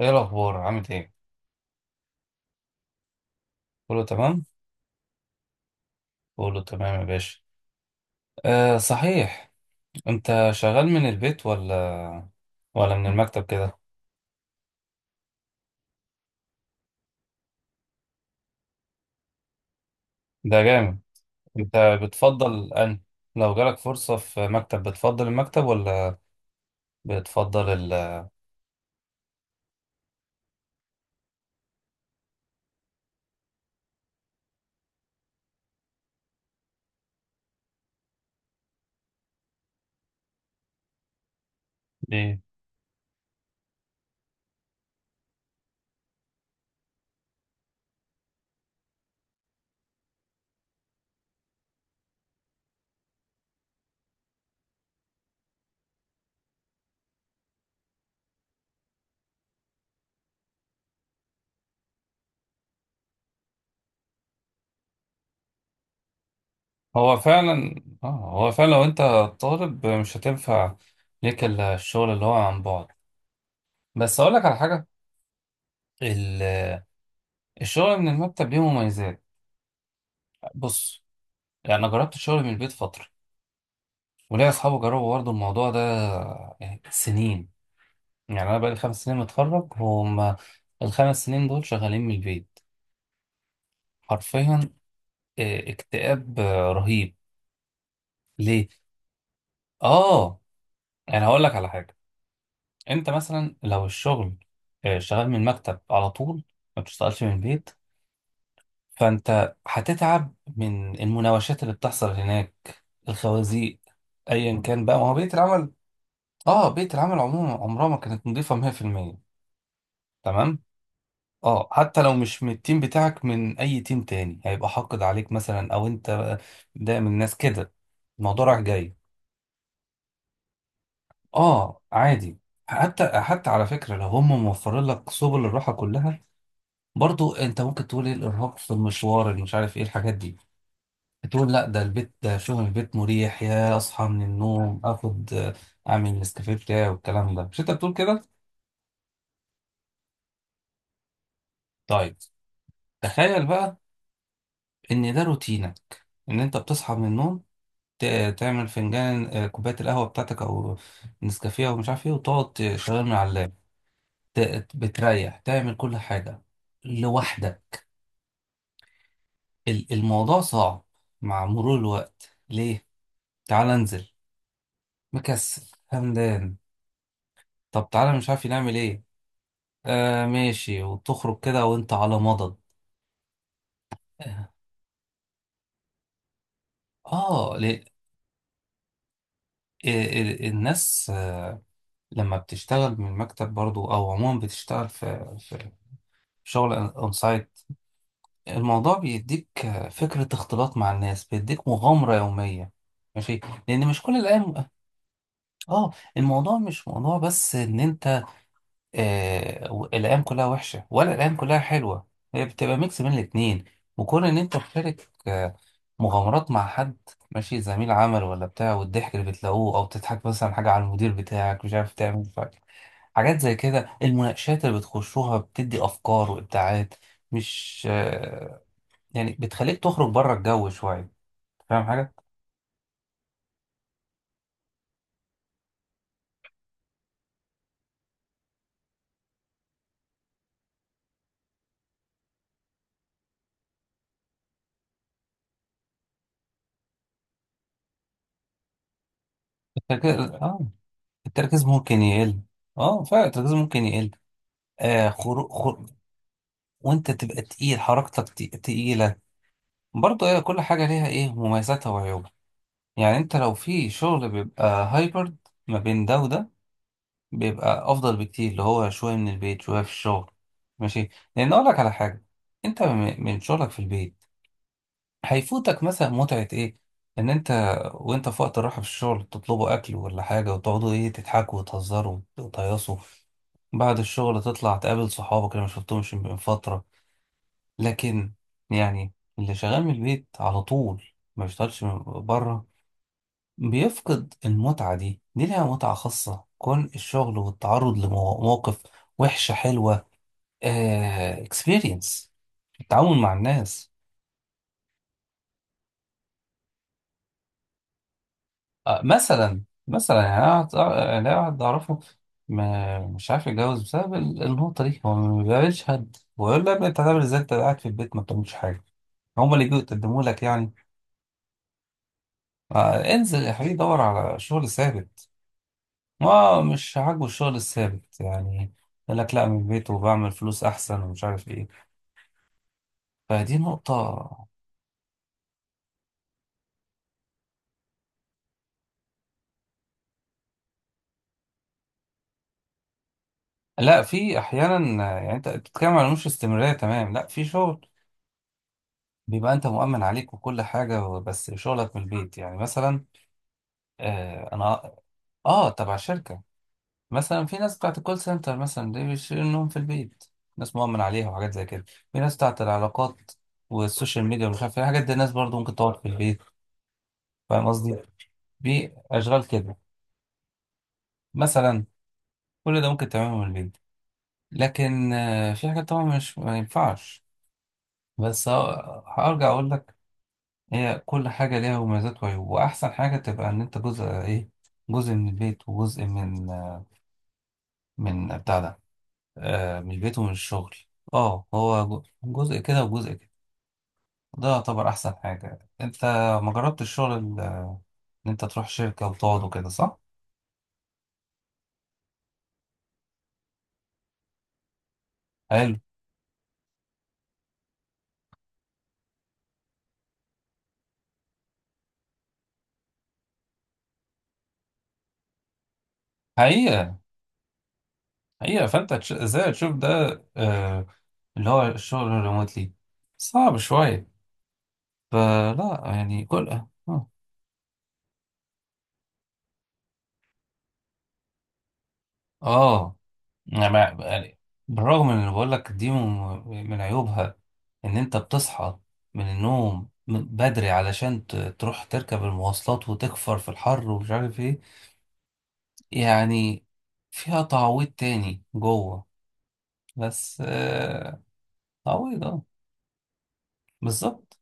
ايه الاخبار، عامل ايه؟ كله تمام كله تمام يا باشا. آه صحيح، انت شغال من البيت ولا من المكتب كده؟ ده جامد. انت بتفضل لو جالك فرصة في مكتب، بتفضل المكتب ولا بتفضل ليه؟ هو فعلا اه هو فعلا لو انت طالب مش هتنفع ليك الا الشغل اللي هو عن بعد. بس اقول لك على حاجة. ال- الشغل من المكتب ليه مميزات. بص، يعني انا جربت الشغل من البيت فترة، وليا اصحابي جربوا برضه الموضوع ده، يعني سنين. يعني انا بقالي 5 سنين متخرج، هم الـ5 سنين دول شغالين من البيت حرفيا. اكتئاب رهيب. ليه؟ اه، يعني هقول لك على حاجه. انت مثلا لو الشغل شغال من المكتب على طول، ما بتشتغلش من البيت، فانت هتتعب من المناوشات اللي بتحصل هناك، الخوازيق، ايا كان بقى، ما هو بيئه العمل. اه، بيئه العمل عموما عمرها ما كانت نظيفه 100%. تمام. اه، حتى لو مش من التيم بتاعك، من اي تيم تاني هيبقى حاقد عليك مثلا، او انت، ده من الناس كده، الموضوع رايح جاي. اه عادي. حتى على فكره لو هم موفرين لك سبل الراحه كلها، برضو انت ممكن تقول ايه الارهاق في المشوار اللي مش عارف ايه الحاجات دي، تقول لا، ده البيت، ده شغل البيت مريح، يا اصحى من النوم اخد اعمل النسكافيه بتاعي والكلام ده، مش انت بتقول كده؟ طيب، تخيل بقى ان ده روتينك، ان انت بتصحى من النوم، تعمل فنجان، كوباية القهوة بتاعتك أو نسكافيه أو مش عارف إيه، وتقعد تشغل من على اللاب، بتريح تعمل كل حاجة لوحدك. الموضوع صعب مع مرور الوقت. ليه؟ تعال انزل، مكسل، همدان، طب تعالى مش عارف نعمل إيه. آه ماشي، وتخرج كده وأنت على مضض. آه ليه؟ الناس لما بتشتغل من المكتب برضو، أو عموما بتشتغل في شغل أون سايت، الموضوع بيديك فكرة اختلاط مع الناس، بيديك مغامرة يومية، ماشي، لأن مش كل الأيام. اه، الموضوع مش موضوع بس إن أنت الأيام كلها وحشة ولا الأيام كلها حلوة، هي بتبقى ميكس بين الاتنين. وكون إن أنت تشارك مغامرات مع حد، ماشي، زميل عمل ولا بتاع، والضحك اللي بتلاقوه، أو تضحك مثلا حاجة على المدير بتاعك مش عارف تعمل حاجات زي كده، المناقشات اللي بتخشوها بتدي أفكار وإبداعات، مش آه، يعني بتخليك تخرج بره الجو شوية. فاهم حاجة؟ التركيز، اه، التركيز ممكن يقل. اه فعلا، التركيز ممكن يقل. آه خرو... خر... وانت تبقى تقيل، حركتك تقيلة. برضه ايه، كل حاجة ليها ايه، مميزاتها وعيوبها. يعني انت لو في شغل بيبقى هايبرد، ما بين ده وده، بيبقى افضل بكتير، اللي هو شوية من البيت شوية في الشغل. ماشي. لان اقول لك على حاجة، انت من شغلك في البيت هيفوتك مثلا متعة ايه، ان انت وانت في وقت الراحة في الشغل تطلبوا اكل ولا حاجة وتقعدوا ايه تضحكوا وتهزروا وتهيصوا، بعد الشغل تطلع تقابل صحابك اللي ما شفتهمش من فترة. لكن يعني، اللي شغال من البيت على طول ما بيشتغلش من بره بيفقد المتعة دي ليها متعة خاصة، كون الشغل والتعرض لمواقف وحشة حلوة، اكسبيرينس، التعامل مع الناس. مثلا يعني انا واحد، يعني أنا واحد اعرفه ما مش عارف يتجوز بسبب النقطه دي، هو ما بيقابلش حد، ويقول له يا ابني انت هتعمل ازاي انت قاعد في البيت ما بتعملش حاجه، هما اللي بيجوا يقدموا لك يعني. انزل يا حبيبي دور على شغل ثابت. ما مش عاجبه الشغل الثابت يعني، يقول لك لا من البيت وبعمل فلوس احسن ومش عارف ايه. فدي نقطه. لا، في احيانا، يعني انت بتتكلم على مش استمراريه. تمام، لا في شغل بيبقى انت مؤمن عليك وكل حاجة، بس شغلك من البيت يعني مثلا. آه انا اه آه، تبع شركة. مثلا في ناس بتاعت الكول سنتر مثلا دي بيشيلوا النوم في البيت، ناس مؤمن عليها وحاجات زي كده. في ناس بتاعت العلاقات والسوشيال ميديا ومش عارف ايه الحاجات دي، الناس برضو ممكن تقعد في البيت. فاهم قصدي؟ في اشغال كده مثلا، كل ده ممكن تعمله من البيت. لكن في حاجات طبعا مش ما ينفعش. بس هرجع اقول لك، هي كل حاجة ليها مميزات وعيوب، وأحسن حاجة تبقى إن أنت جزء، إيه، جزء من البيت وجزء من بتاع ده، آه من البيت ومن الشغل. اه، هو جزء كده وجزء كده، ده يعتبر أحسن حاجة. أنت ما جربت الشغل إن أنت تروح شركة وتقعد وكده، صح؟ حلو. حقيقة، حقيقة، فأنت إزاي تشوف ده، آه، اللي هو الشغل الريموتلي صعب شوية. فلا يعني، كل آه آه. أنا يعني بالرغم من اللي بقول لك، دي من عيوبها، ان انت بتصحى من النوم بدري علشان تروح تركب المواصلات وتكفر في الحر ومش عارف ايه، يعني. فيها تعويض تاني جوه. بس تعويض، اه، بالظبط.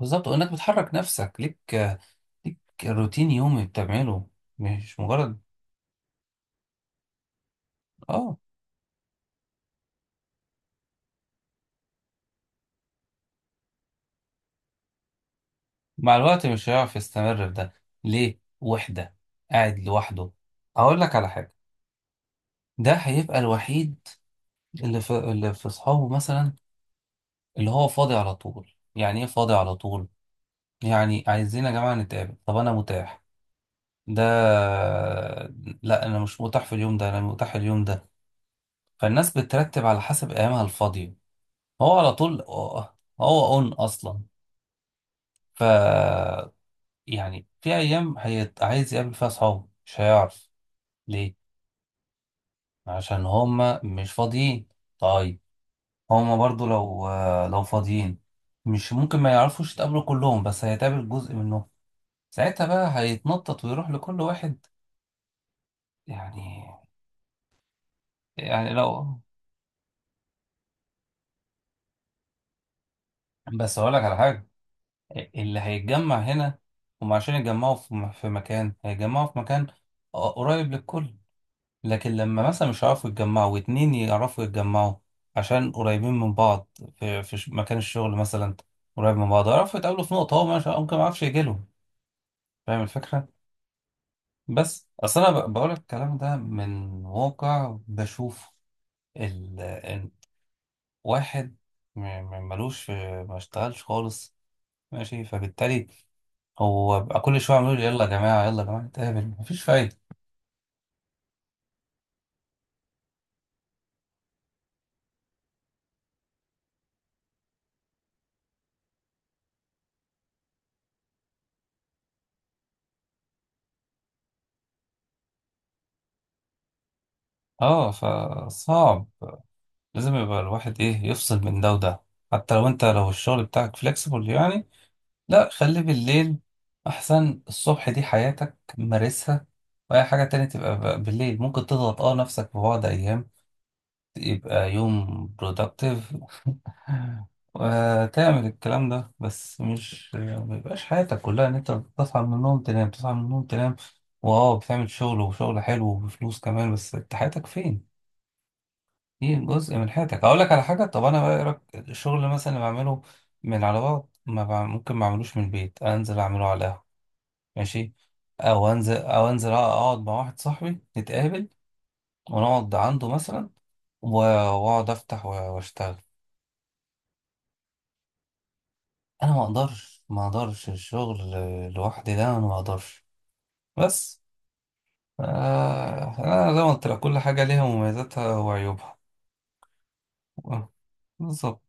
بالظبط، وانك بتحرك نفسك، ليك روتين يومي بتعمله، مش مجرد. اه، مع الوقت مش هيعرف يستمر في ده. ليه؟ وحدة، قاعد لوحده. هقول لك على حاجة. ده هيبقى الوحيد اللي في اللي في اصحابه مثلا، اللي هو فاضي على طول. يعني ايه فاضي على طول؟ يعني عايزين يا جماعة نتقابل، طب انا متاح ده، لا انا مش متاح في اليوم ده، انا متاح اليوم ده. فالناس بترتب على حسب ايامها الفاضية، هو على طول، هو اون اصلا. ف، يعني في ايام عايز يقابل فيها اصحابه مش هيعرف. ليه؟ عشان هما مش فاضيين. طيب، هما برضو لو لو فاضيين، مش ممكن ما يعرفوش يتقابلوا كلهم، بس هيتقابل جزء منهم، ساعتها بقى هيتنطط ويروح لكل واحد. يعني يعني لو. بس اقول لك على حاجة، اللي هيتجمع هنا، هم عشان يتجمعوا في مكان، هيتجمعوا في مكان قريب للكل. لكن لما مثلا مش هيعرفوا يتجمعوا واتنين يعرفوا يتجمعوا عشان قريبين من بعض، مكان الشغل مثلا قريب من بعض يعرفوا يتقابلوا في نقطة، هو ممكن ما يعرفش يجيلهم. فاهم الفكرة؟ بس اصل انا بقول الكلام ده من واقع بشوف ال... ال- واحد ملوش في، ما اشتغلش خالص، ماشي، فبالتالي هو بقى كل شويه عمال يقول يلا يا جماعه يلا يا جماعه نتقابل، مفيش فايده. اه، فصعب. لازم يبقى الواحد، ايه، يفصل من ده وده. حتى لو انت لو الشغل بتاعك فليكسيبل يعني، لا خليه بالليل، احسن الصبح دي حياتك مارسها، واي حاجه تانية تبقى بالليل، ممكن تضغط اه نفسك في بعض ايام يبقى يوم productive وتعمل الكلام ده. بس مش ما يبقاش حياتك كلها ان انت بتصحى من النوم تنام، تصحى من النوم تنام، واو بتعمل شغل، وشغل حلو وبفلوس كمان، بس انت حياتك فين؟ دي جزء من حياتك. اقول لك على حاجه، طب انا بقى، إيه رأيك، الشغل مثلا اللي بعمله من على بعض ما بع- ممكن ما اعملوش من البيت، انزل اعمله على القهوه، ماشي، او انزل اقعد مع واحد صاحبي نتقابل ونقعد عنده مثلا، واقعد افتح واشتغل. انا ما اقدرش، ما اقدرش الشغل لوحدي ده، انا ما اقدرش. بس آه، انا زي ما قلت لك، كل حاجه ليها مميزاتها وعيوبها، آه، بالظبط.